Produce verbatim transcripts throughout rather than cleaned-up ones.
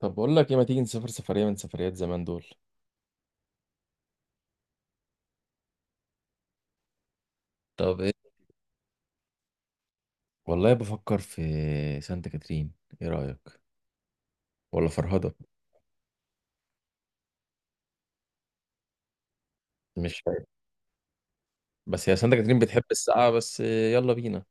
طب بقول لك ايه؟ ما تيجي نسافر سفرية من سفريات زمان دول؟ طب ايه؟ والله بفكر في سانت كاترين. ايه رأيك؟ ولا فرهدة؟ مش فاهم. بس هي سانت كاترين بتحب السقعة، بس يلا بينا.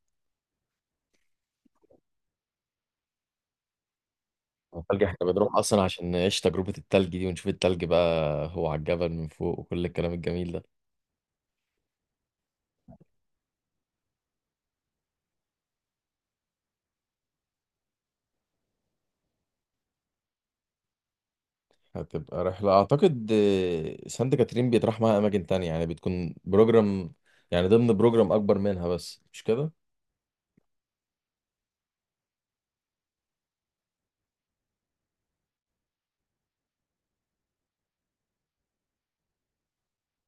التلج، احنا بنروح اصلا عشان نعيش تجربة التلج دي ونشوف التلج بقى، هو على الجبل من فوق وكل الكلام الجميل ده. هتبقى رحلة اعتقد. آه، سانت كاترين بيتراح معاها اماكن تانية، يعني بتكون بروجرام، يعني ضمن بروجرام اكبر منها، بس مش كده.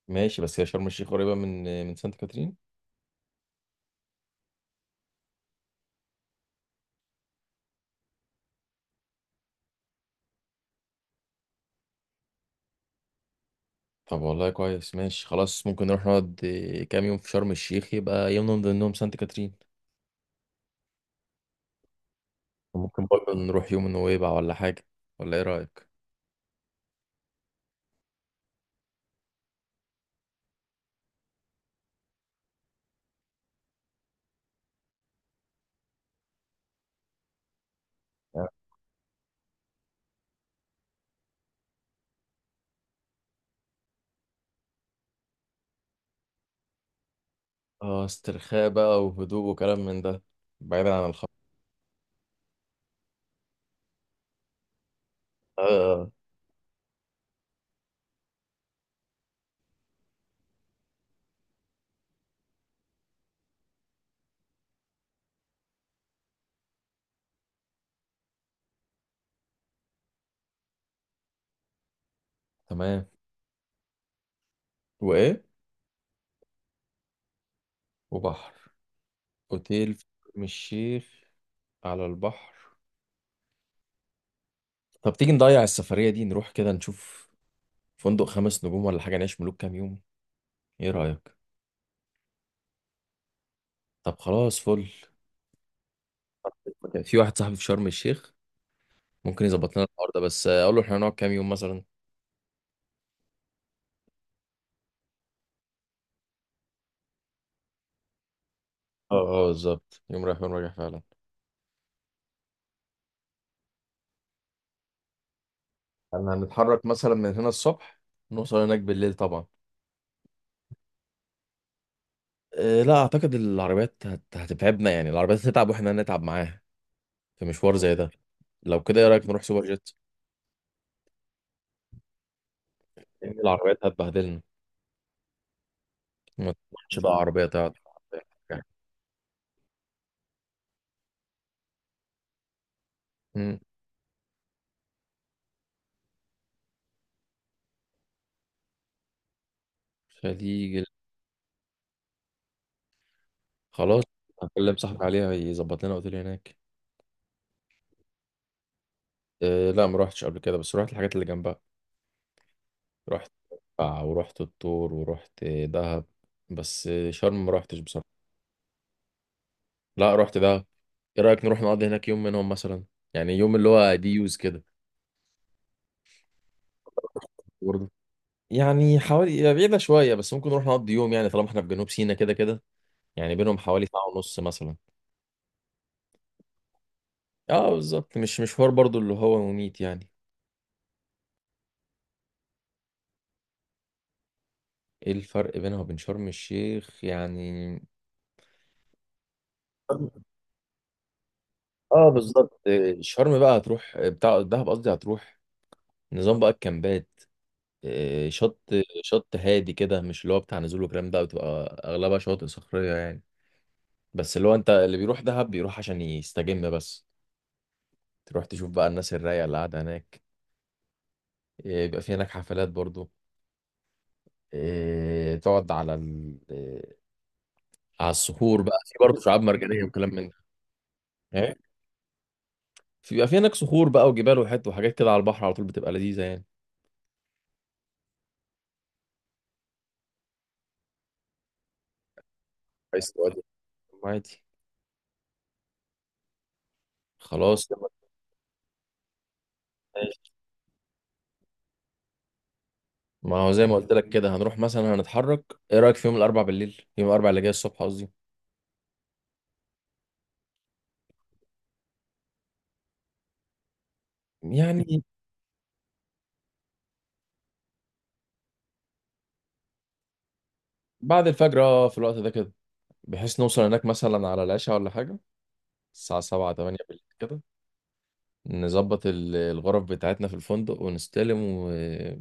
ماشي. بس هي شرم الشيخ قريبة من آه، من سانت كاترين. طب والله كويس، ماشي، خلاص ممكن نروح نقعد آه، كام يوم في شرم الشيخ، يبقى يوم من ضمنهم سانت كاترين. وممكن برضه نروح يوم نويبع ولا حاجة. ولا ايه رأيك؟ اه، استرخاء بقى وهدوء وكلام من ده، بعيدا عن الخط. آه. آه، تمام. وايه؟ وبحر. اوتيل في شرم الشيخ. على البحر. طب تيجي نضيع السفرية دي، نروح كده نشوف فندق خمس نجوم ولا حاجة، نعيش ملوك كام يوم. ايه رأيك؟ طب خلاص، فل. كان في واحد صاحبي في شرم الشيخ، ممكن يظبط لنا الحوار ده، بس اقول له احنا هنقعد كام يوم مثلا. اه اه، بالظبط، يوم رايح يوم راجع فعلا. احنا هنتحرك مثلا من هنا الصبح، نوصل هناك بالليل طبعا. أه لا، اعتقد العربيات هت... هتتعبنا، يعني العربيات هتتعب واحنا هنتعب معاها في مشوار زي ده. لو كده، ايه رايك نروح سوبر جيت؟ لان العربيات هتبهدلنا، ما تضمنش بقى عربيه تقعد. مم. خليج ال- خلاص، هكلم صاحبي عليها يظبط لنا اوتيل هناك. أه لا، ما روحتش قبل كده، بس روحت الحاجات اللي جنبها. رحت قلعة، ورحت الطور، ورحت دهب، بس شرم ما رحتش بصراحة. لا رحت دهب. ايه رأيك نروح نقضي هناك يوم منهم مثلا، يعني يوم اللي هو دي يوز كده؟ برضه، يعني حوالي هي بعيدة شوية، بس ممكن نروح نقضي يوم، يعني طالما احنا في جنوب سيناء كده كده. يعني بينهم حوالي ساعة ونص مثلا. اه بالظبط، مش مشوار برضه اللي هو مميت يعني. ايه الفرق بينها وبين شرم الشيخ يعني؟ اه بالظبط. إيه، شرم بقى هتروح بتاع دهب قصدي، هتروح نظام بقى الكامبات. آه، شط شط هادي كده، مش اللي هو بتاع نزول وكلام ده، بتبقى اغلبها شواطئ صخريه يعني. بس اللي هو انت اللي بيروح دهب بيروح عشان يستجم بس، تروح تشوف بقى الناس الرايقه اللي قاعده هناك. آه، بيبقى في هناك حفلات برضو. آه، تقعد على ال... آه، على الصخور، بقى في برضه شعاب مرجانيه وكلام من ده. إيه؟ في- بيبقى في هناك صخور بقى وجبال وحت وحاجات كده على البحر على طول، بتبقى لذيذه يعني. عايز تقعد. عادي. خلاص يلا. ماشي. ما هو زي ما قلت لك كده، هنروح مثلا، هنتحرك. ايه رايك في يوم الاربع بالليل، يوم الاربع اللي جاي الصبح قصدي، يعني بعد الفجر، اه، في الوقت ده كده، بحيث نوصل هناك مثلا على العشاء ولا حاجة، الساعة سبعة تمانية بالليل كده. نظبط ال- الغرف بتاعتنا في الفندق، ونستلم، و-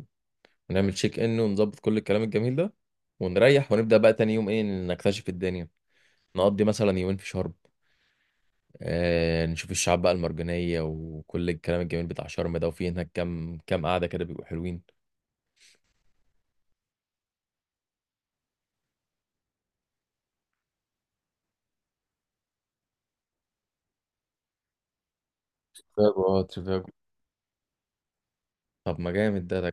ونعمل تشيك ان، ونظبط كل الكلام الجميل ده، ونريح، ونبدأ بقى تاني يوم ايه نكتشف الدنيا. نقضي مثلا يومين في شرم، آه نشوف الشعاب بقى المرجانية وكل الكلام الجميل بتاع شرم ده، وفي هناك كام كام قعدة كده بيبقوا حلوين. تريفاجو، اه تريفاجو. طب ما جامد ده ده,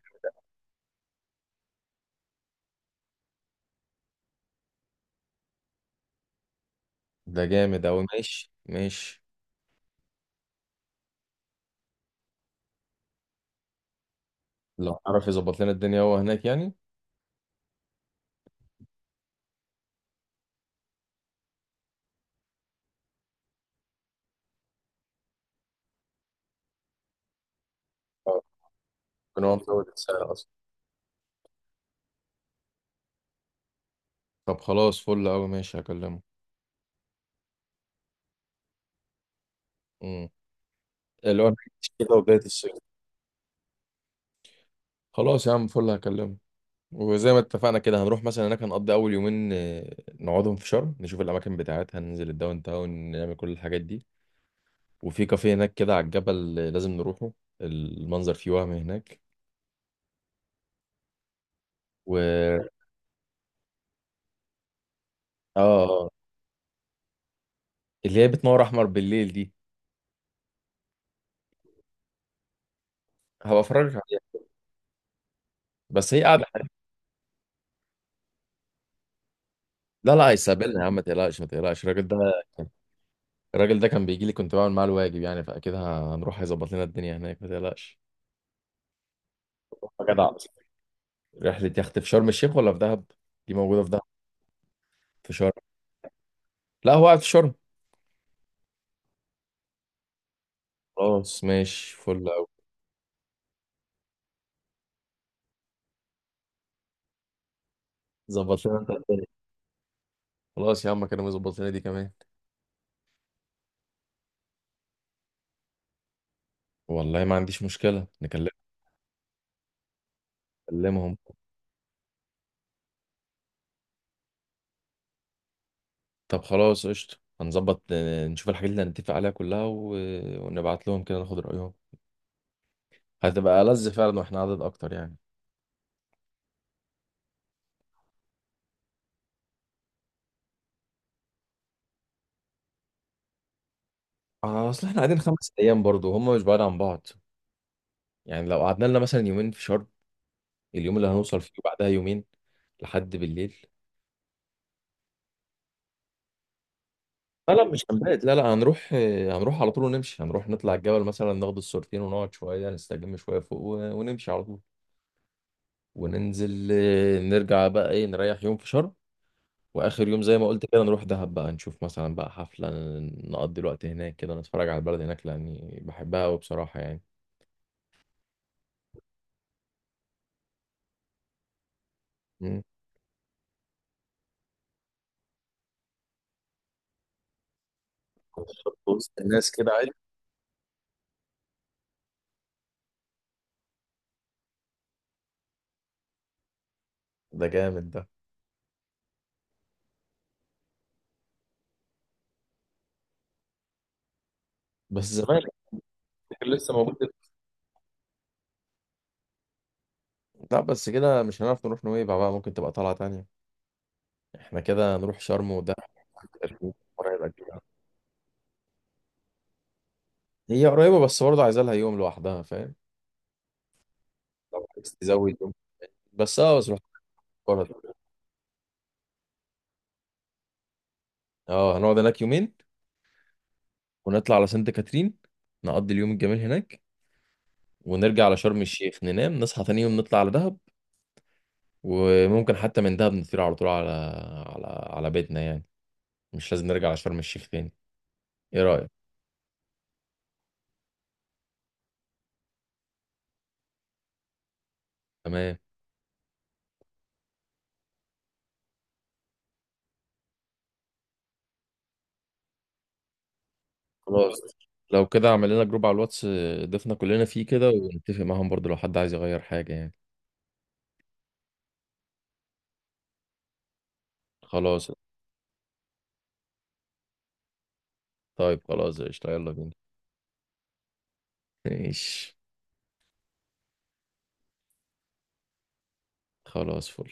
ده جامد أوي، ماشي ماشي. لو عرف يظبط لنا الدنيا هو هناك يعني. اه، كان هو مزود السعر اصلا. طب خلاص فل قوي، ماشي، هكلمه. امم. اللي هو كده وبداية الصيف. خلاص يا عم، فل، هكلمه. وزي ما اتفقنا كده، هنروح مثلا هناك، هنقضي اول يومين آه، نقعدهم في شرم، نشوف الاماكن بتاعتها، ننزل الداون تاون، نعمل كل الحاجات دي. وفي كافيه هناك كده على الجبل آه، لازم نروحه، المنظر فيه وهم هناك. و اه آه، اللي هي بتنور احمر بالليل دي، هبقى افرجك عليها، بس هي قاعده. لا لا، هيستقبلنا يا عم، ما تقلقش، ما تقلقش الراجل ده. الراجل ده كان بيجي لي، كنت بعمل معاه الواجب، يعني فاكيد ه- هنروح، هيظبط لنا الدنيا هناك، ما تقلقش. يا جدع، رحلة يخت في شرم الشيخ ولا في دهب؟ دي موجودة في دهب. في شرم. لا هو قاعد في شرم. خلاص ماشي، فل أوي. ظبط لنا انت الدنيا. خلاص يا عم، كانوا يظبط لنا دي كمان. والله ما عنديش مشكلة، نكلم، نكلمهم. طب خلاص قشطة، هنظبط آه، نشوف الحاجات اللي هنتفق عليها كلها، و... ونبعت لهم كده، ناخد رأيهم. هتبقى ألذ فعلا واحنا عدد أكتر يعني. آه، أصل احنا قاعدين خمس أيام، برضو هم مش بعاد عن بعض. يعني لو قعدنا لنا مثلا يومين في شرم، اليوم اللي هنوصل فيه وبعدها يومين. لحد بالليل. لا لا، مش هنبات، لا لا، هنروح آه، هنروح على طول ونمشي، هنروح نطلع الجبل مثلا، ناخد الصورتين، ونقعد شوية نستجم شوية فوق، و- ونمشي على طول. وننزل، آه، نرجع بقى ايه، نريح يوم في شرم. واخر يوم زي ما قلت كده، نروح دهب بقى نشوف مثلا بقى حفلة، نقضي الوقت هناك كده، نتفرج على البلد هناك لاني بحبها قوي بصراحة يعني. مم. وسط الناس كده عادي. ده جامد ده. بس زمان كان لسه موجود. لا بس كده مش هنعرف نروح نويبع بقى، ممكن تبقى طلعة تانية. احنا كده نروح شرم وده. قريبة كده. هي قريبة، بس برضه عايزة لها يوم لوحدها فاهم. لو عايز تزود يوم، بس اه بس نروح. القرى. اه هنقعد هناك يومين، ونطلع على سانت كاترين، نقضي اليوم الجميل هناك، ونرجع على شرم الشيخ، ننام، نصحى تاني يوم نطلع على دهب. وممكن حتى من دهب نطير على طول على على على بيتنا يعني، مش لازم نرجع على شرم الشيخ تاني. ايه رأيك؟ تمام. خلاص لو كده، اعمل لنا جروب على الواتس، ضفنا كلنا فيه كده، ونتفق معاهم برضو لو حد عايز يغير حاجة يعني. خلاص. طيب خلاص قشطة، يلا بينا. ماشي خلاص، فل.